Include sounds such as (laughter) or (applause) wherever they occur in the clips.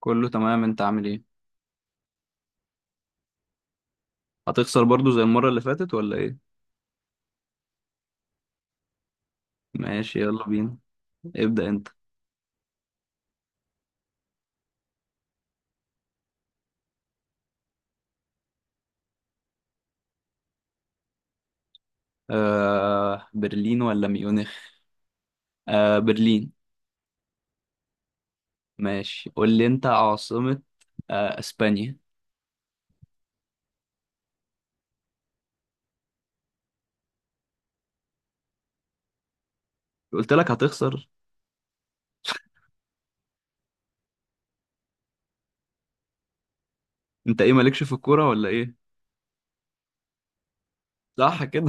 كله تمام. انت عامل ايه؟ هتخسر برضو زي المرة اللي فاتت ولا ايه؟ ماشي، يلا بينا. ابدأ انت. برلين ولا ميونخ؟ برلين. ماشي، قول لي انت عاصمة. اسبانيا. قلت لك هتخسر. انت ايه مالكش في الكورة ولا ايه؟ صح كده.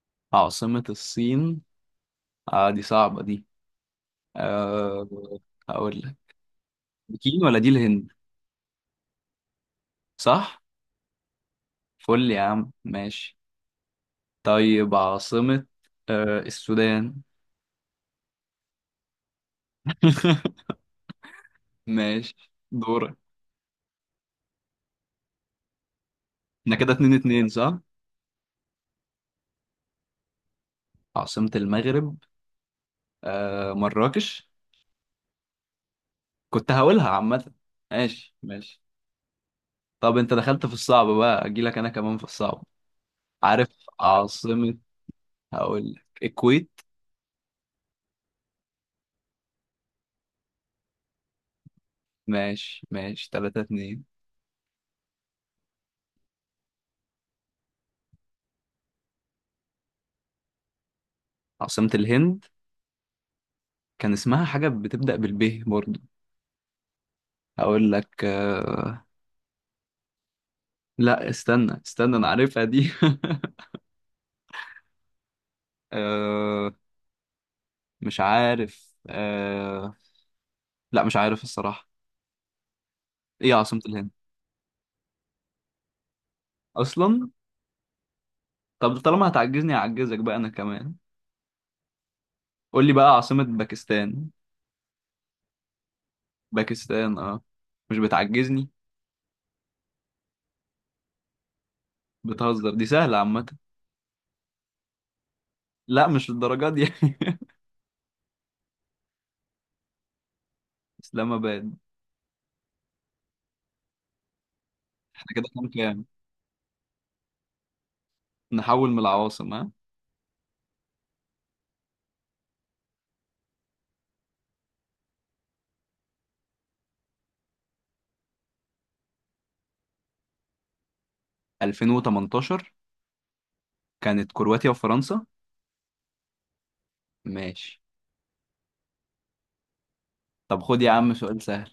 (laughs) عاصمة الصين. دي صعبة دي. آه هقول لك بكين ولا دي الهند؟ صح. فل يا عم، ماشي. طيب عاصمة. السودان. (laughs) ماشي. دورك. احنا كده اتنين اتنين صح؟ عاصمة المغرب. مراكش. كنت هقولها عامة. ماشي ماشي. طب انت دخلت في الصعب بقى، اجيلك انا كمان في الصعب. عارف عاصمة، هقول لك الكويت. ماشي ماشي. تلاتة اتنين. عاصمة الهند. كان اسمها حاجة بتبدأ بالب برضو. هقول لك لا استنى استنى، انا عارفها دي. (laughs) آه... مش عارف. لا مش عارف الصراحة. ايه عاصمة الهند اصلا. طب طالما هتعجزني هعجزك بقى انا كمان. قول لي بقى عاصمة باكستان. باكستان اه. مش بتعجزني. بتهزر، دي سهلة عامة. لا مش الدرجات دي. (laughs) اسلام اباد. احنا كده كام كام؟ نحول من العواصم ها. 2018 كانت كرواتيا وفرنسا. ماشي. طب خد يا عم سؤال سهل.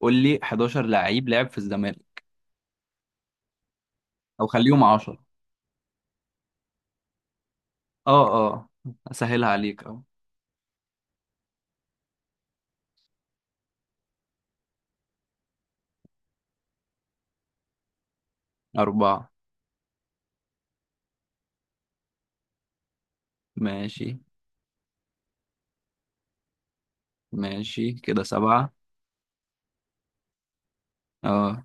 قول لي 11 لعيب لعب في الزمالك، او خليهم 10. اه اه، اسهلها عليك، اه. أربعة. ماشي. ماشي كده سبعة. اه،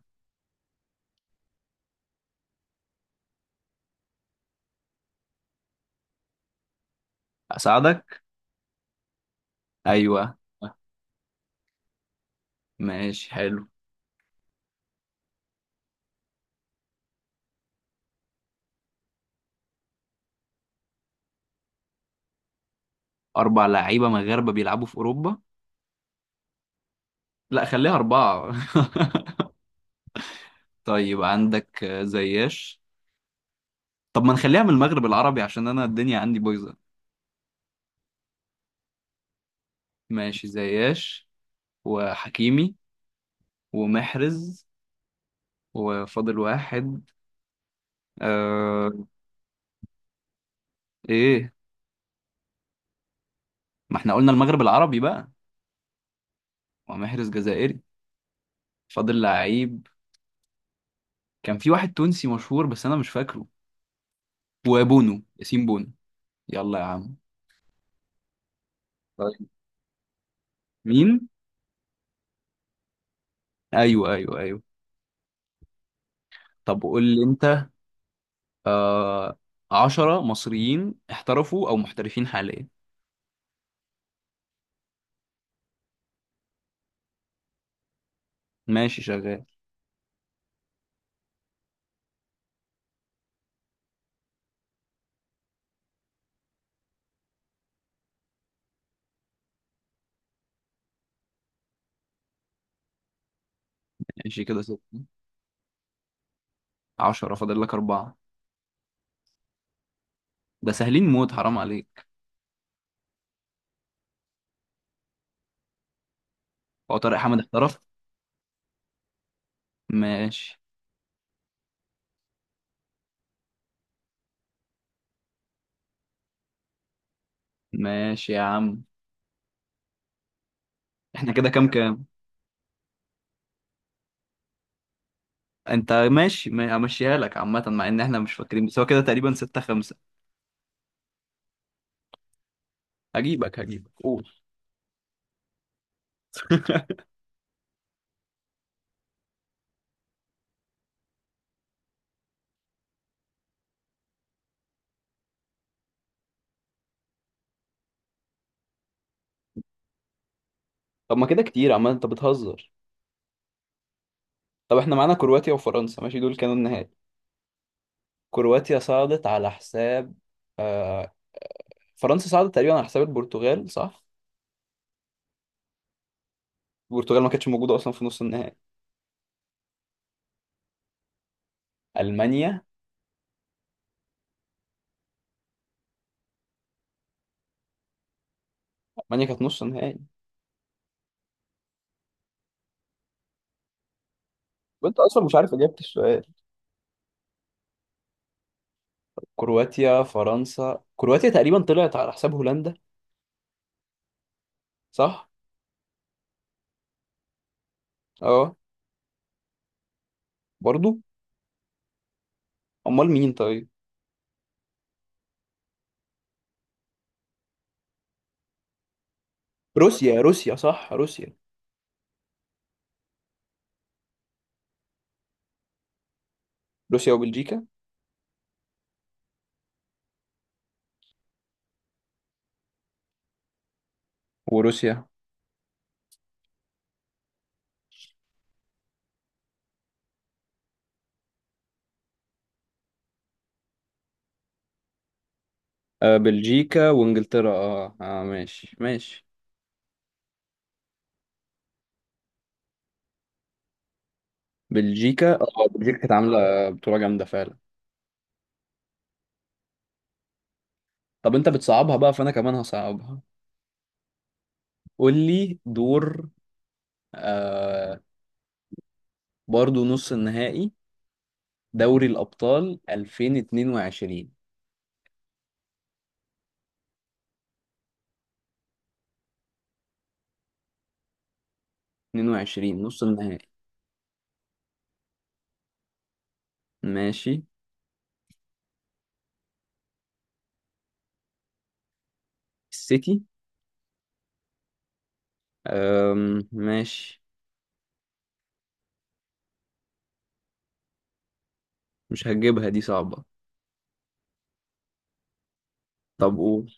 اساعدك. ايوه. ماشي حلو. أربع لعيبة مغاربة بيلعبوا في أوروبا. لا خليها أربعة. (laughs) طيب، عندك زياش. طب ما نخليها من المغرب العربي عشان أنا الدنيا عندي بايظة. ماشي، زياش وحكيمي ومحرز، وفاضل واحد. آه إيه؟ ما احنا قلنا المغرب العربي بقى. ومحرز جزائري. فاضل لعيب. كان في واحد تونسي مشهور بس أنا مش فاكره. وبونو، ياسين بونو. يلا يا عم. طيب مين؟ أيوه أيوه أيوه. طب قول لي أنت. آه عشرة مصريين احترفوا أو محترفين حاليا. ماشي شغال. ماشي كده ستة. عشرة، فاضل لك أربعة. ده سهلين موت، حرام عليك. هو طارق حامد احترف؟ ماشي ماشي يا عم. احنا كده كام كام؟ انت ماشي، همشيها لك عامة مع ان احنا مش فاكرين، بس هو كده تقريبا ستة خمسة. هجيبك هجيبك، قول. (laughs) طب ما كده كتير، عمال انت بتهزر. طب احنا معانا كرواتيا وفرنسا، ماشي دول كانوا النهائي. كرواتيا صعدت على حساب آه... فرنسا صعدت تقريبا على حساب البرتغال صح؟ البرتغال ما كانتش موجوده اصلا في نص النهائي. المانيا. المانيا كانت نص نهائي. وانت اصلا مش عارف اجابه السؤال. كرواتيا فرنسا، كرواتيا تقريبا طلعت على حساب هولندا صح؟ اه برضو. امال مين طيب؟ روسيا روسيا صح، روسيا. روسيا وبلجيكا. وروسيا. آه بلجيكا وانجلترا. اه اه، ماشي ماشي. بلجيكا اه، بلجيكا كانت عامله بطوله جامده فعلا. طب انت بتصعبها بقى فانا كمان هصعبها. قول لي دور آه برضو نص النهائي. دوري الأبطال 2022. 22 نص النهائي. ماشي السيتي. ماشي. مش هتجيبها دي صعبة. طب قول.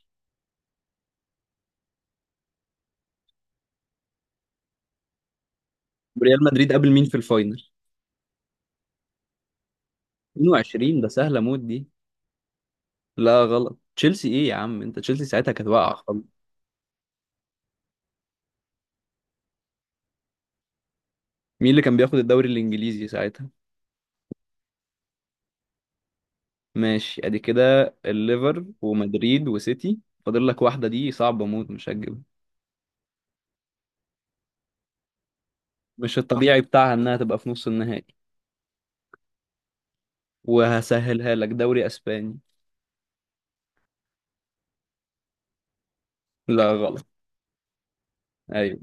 ريال مدريد قابل مين في الفاينل 22؟ ده سهلة موت دي. لا غلط. تشيلسي ايه يا عم انت؟ تشيلسي ساعتها كانت واقعة خالص. مين اللي كان بياخد الدوري الإنجليزي ساعتها؟ ماشي، ادي كده الليفر ومدريد وسيتي. فاضل لك واحدة، دي صعبة موت مش هتجيبها. مش الطبيعي بتاعها انها تبقى في نص النهائي. وهسهلها لك، دوري اسباني. لا غلط. أيوة.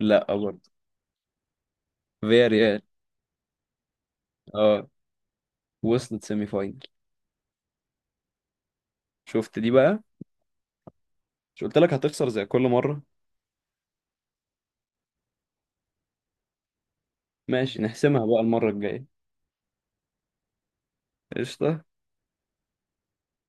لا برضه. فيا ريال. اه، وصلت سيمي فاينل. شفت دي بقى. مش قلت لك هتخسر زي كل مرة؟ ماشي نحسمها بقى المرة الجاية. قشطة.